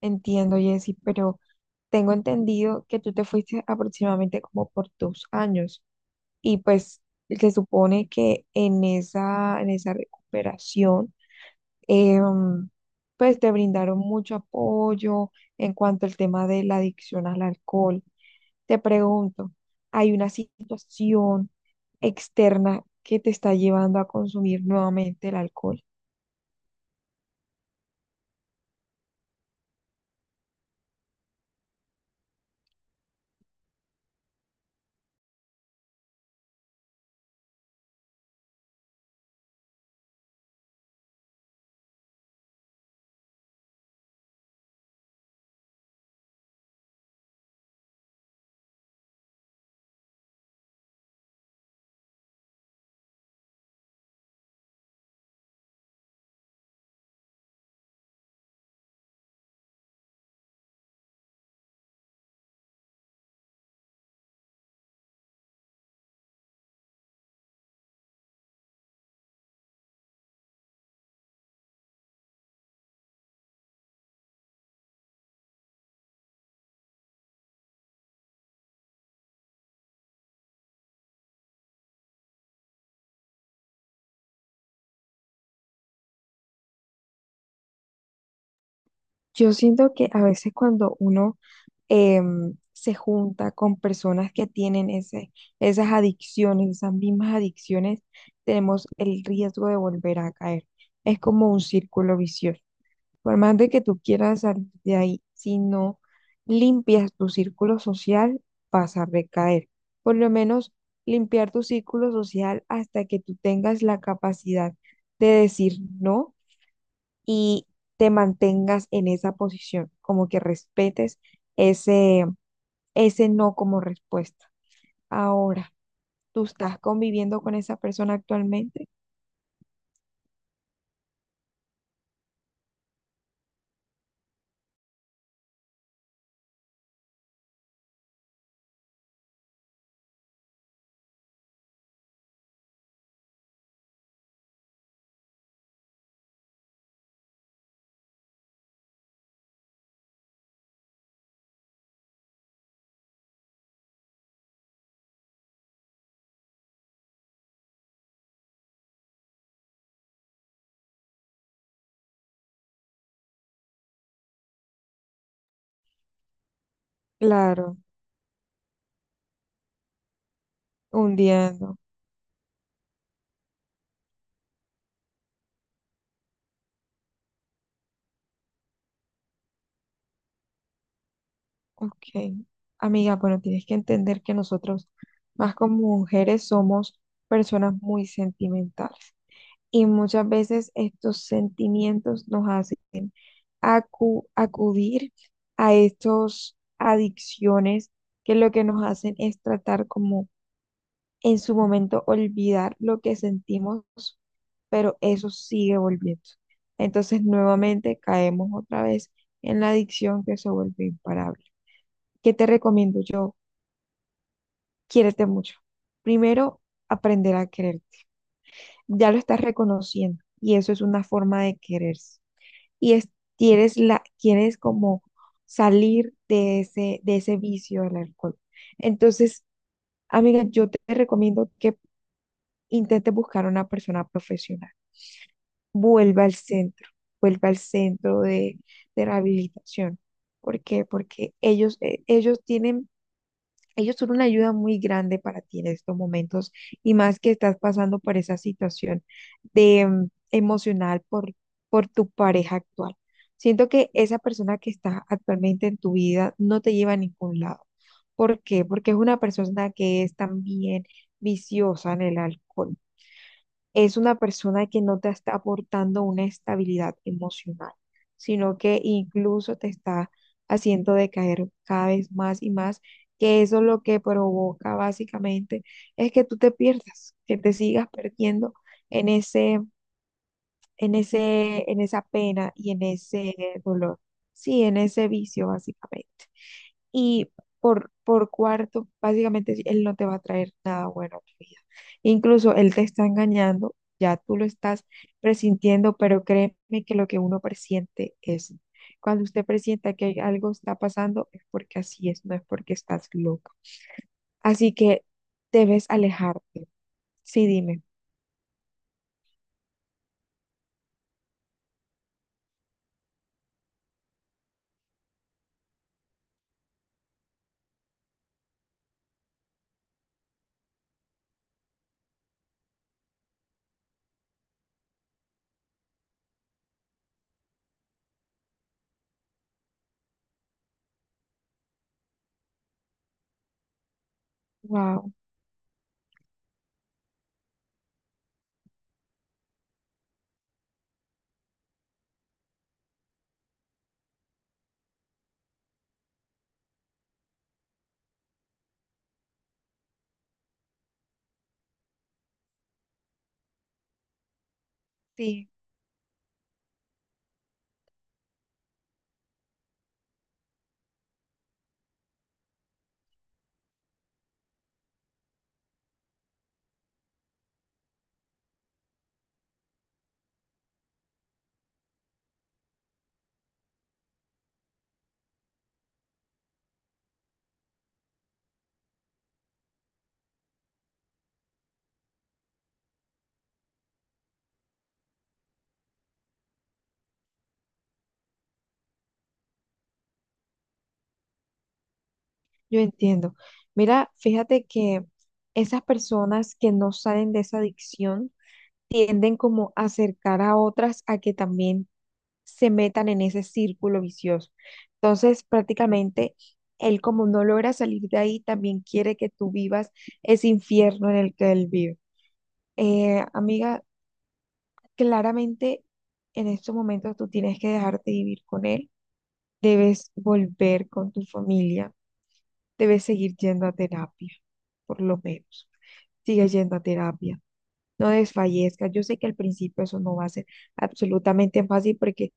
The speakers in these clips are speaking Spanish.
Entiendo, Jessy, pero tengo entendido que tú te fuiste aproximadamente como por dos años y pues se supone que en esa recuperación, em, pues te brindaron mucho apoyo en cuanto al tema de la adicción al alcohol. Te pregunto, ¿hay una situación externa que te está llevando a consumir nuevamente el alcohol? Yo siento que a veces cuando uno se junta con personas que tienen esas adicciones, esas mismas adicciones, tenemos el riesgo de volver a caer. Es como un círculo vicioso. Por más de que tú quieras salir de ahí, si no limpias tu círculo social, vas a recaer. Por lo menos limpiar tu círculo social hasta que tú tengas la capacidad de decir no y te mantengas en esa posición, como que respetes ese, ese no como respuesta. Ahora, tú estás conviviendo con esa persona actualmente. Claro, un día no. Ok. Amiga, bueno, tienes que entender que nosotros, más como mujeres, somos personas muy sentimentales. Y muchas veces estos sentimientos nos hacen acudir a estas adicciones que lo que nos hacen es tratar como en su momento olvidar lo que sentimos, pero eso sigue volviendo. Entonces nuevamente caemos otra vez en la adicción que se vuelve imparable. ¿Qué te recomiendo yo? Quiérete mucho. Primero, aprender a quererte. Ya lo estás reconociendo y eso es una forma de quererse. Y es, quieres, la, quieres como salir de de ese vicio del alcohol. Entonces, amiga, yo te recomiendo que intentes buscar una persona profesional vuelva al centro, vuelva al centro de rehabilitación. ¿Por qué? Porque ellos, ellos tienen, ellos son una ayuda muy grande para ti en estos momentos y más que estás pasando por esa situación de emocional por tu pareja actual. Siento que esa persona que está actualmente en tu vida no te lleva a ningún lado. ¿Por qué? Porque es una persona que es también viciosa en el alcohol, es una persona que no te está aportando una estabilidad emocional, sino que incluso te está haciendo decaer cada vez más y más, que eso lo que provoca básicamente es que tú te pierdas, que te sigas perdiendo en en esa pena y en ese dolor, sí, en ese vicio básicamente. Y por cuarto, básicamente sí, él no te va a traer nada bueno a tu vida. Incluso él te está engañando, ya tú lo estás presintiendo, pero créeme que lo que uno presiente es, cuando usted presienta que algo está pasando, es porque así es, no es porque estás loca. Así que debes alejarte. Sí, dime. Wow, sí, yo entiendo. Mira, fíjate que esas personas que no salen de esa adicción, tienden como a acercar a otras a que también se metan en ese círculo vicioso. Entonces, prácticamente, él como no logra salir de ahí, también quiere que tú vivas ese infierno en el que él vive. Amiga, claramente en estos momentos tú tienes que dejarte vivir con él, debes volver con tu familia, debes seguir yendo a terapia, por lo menos. Sigue yendo a terapia, no desfallezcas. Yo sé que al principio eso no va a ser absolutamente fácil porque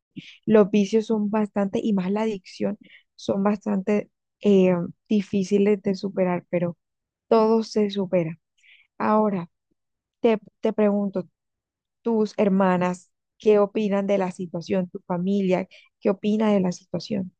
los vicios son bastante, y más la adicción, son bastante eh, difíciles de superar, pero todo se supera. Ahora, te pregunto, tus hermanas, ¿qué opinan de la situación? ¿Tu familia, qué opina de la situación?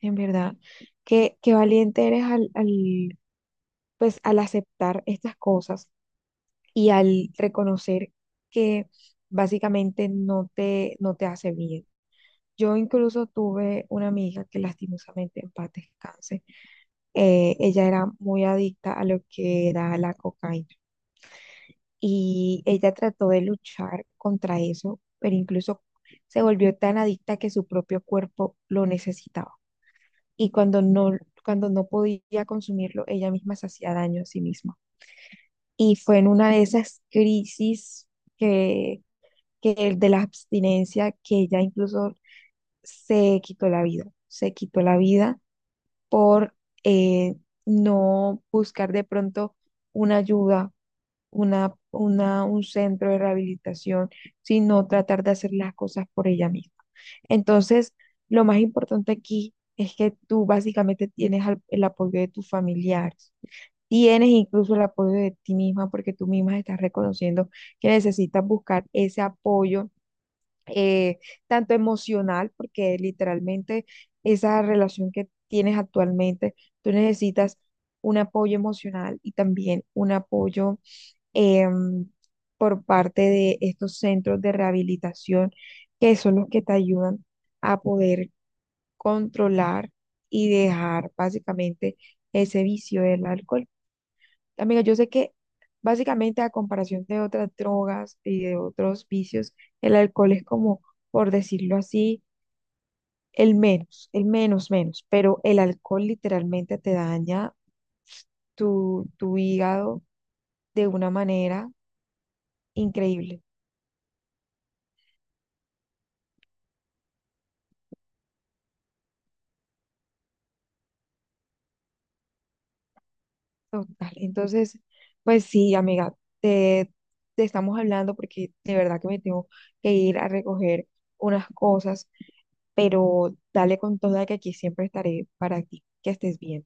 En verdad, qué valiente eres pues, al aceptar estas cosas y al reconocer que básicamente no te hace bien. Yo incluso tuve una amiga que lastimosamente en paz descanse. Ella era muy adicta a lo que era la cocaína y ella trató de luchar contra eso, pero incluso se volvió tan adicta que su propio cuerpo lo necesitaba. Y cuando no podía consumirlo, ella misma se hacía daño a sí misma. Y fue en una de esas crisis que que el de la abstinencia, que ella incluso se quitó la vida, se quitó la vida por eh, no buscar de pronto una ayuda, un centro de rehabilitación, sino tratar de hacer las cosas por ella misma. Entonces, lo más importante aquí es que tú básicamente tienes el apoyo de tus familiares, tienes incluso el apoyo de ti misma porque tú misma estás reconociendo que necesitas buscar ese apoyo eh, tanto emocional, porque literalmente esa relación que tienes actualmente, tú necesitas un apoyo emocional y también un apoyo em, por parte de estos centros de rehabilitación, que son los que te ayudan a poder controlar y dejar básicamente ese vicio del alcohol. Amiga, yo sé que básicamente a comparación de otras drogas y de otros vicios, el alcohol es como, por decirlo así, el menos, menos, pero el alcohol literalmente te daña tu hígado de una manera increíble, total. Entonces, pues sí, amiga, te, te estamos hablando porque de verdad que me tengo que ir a recoger unas cosas, pero dale con toda que aquí siempre estaré para ti, que estés bien.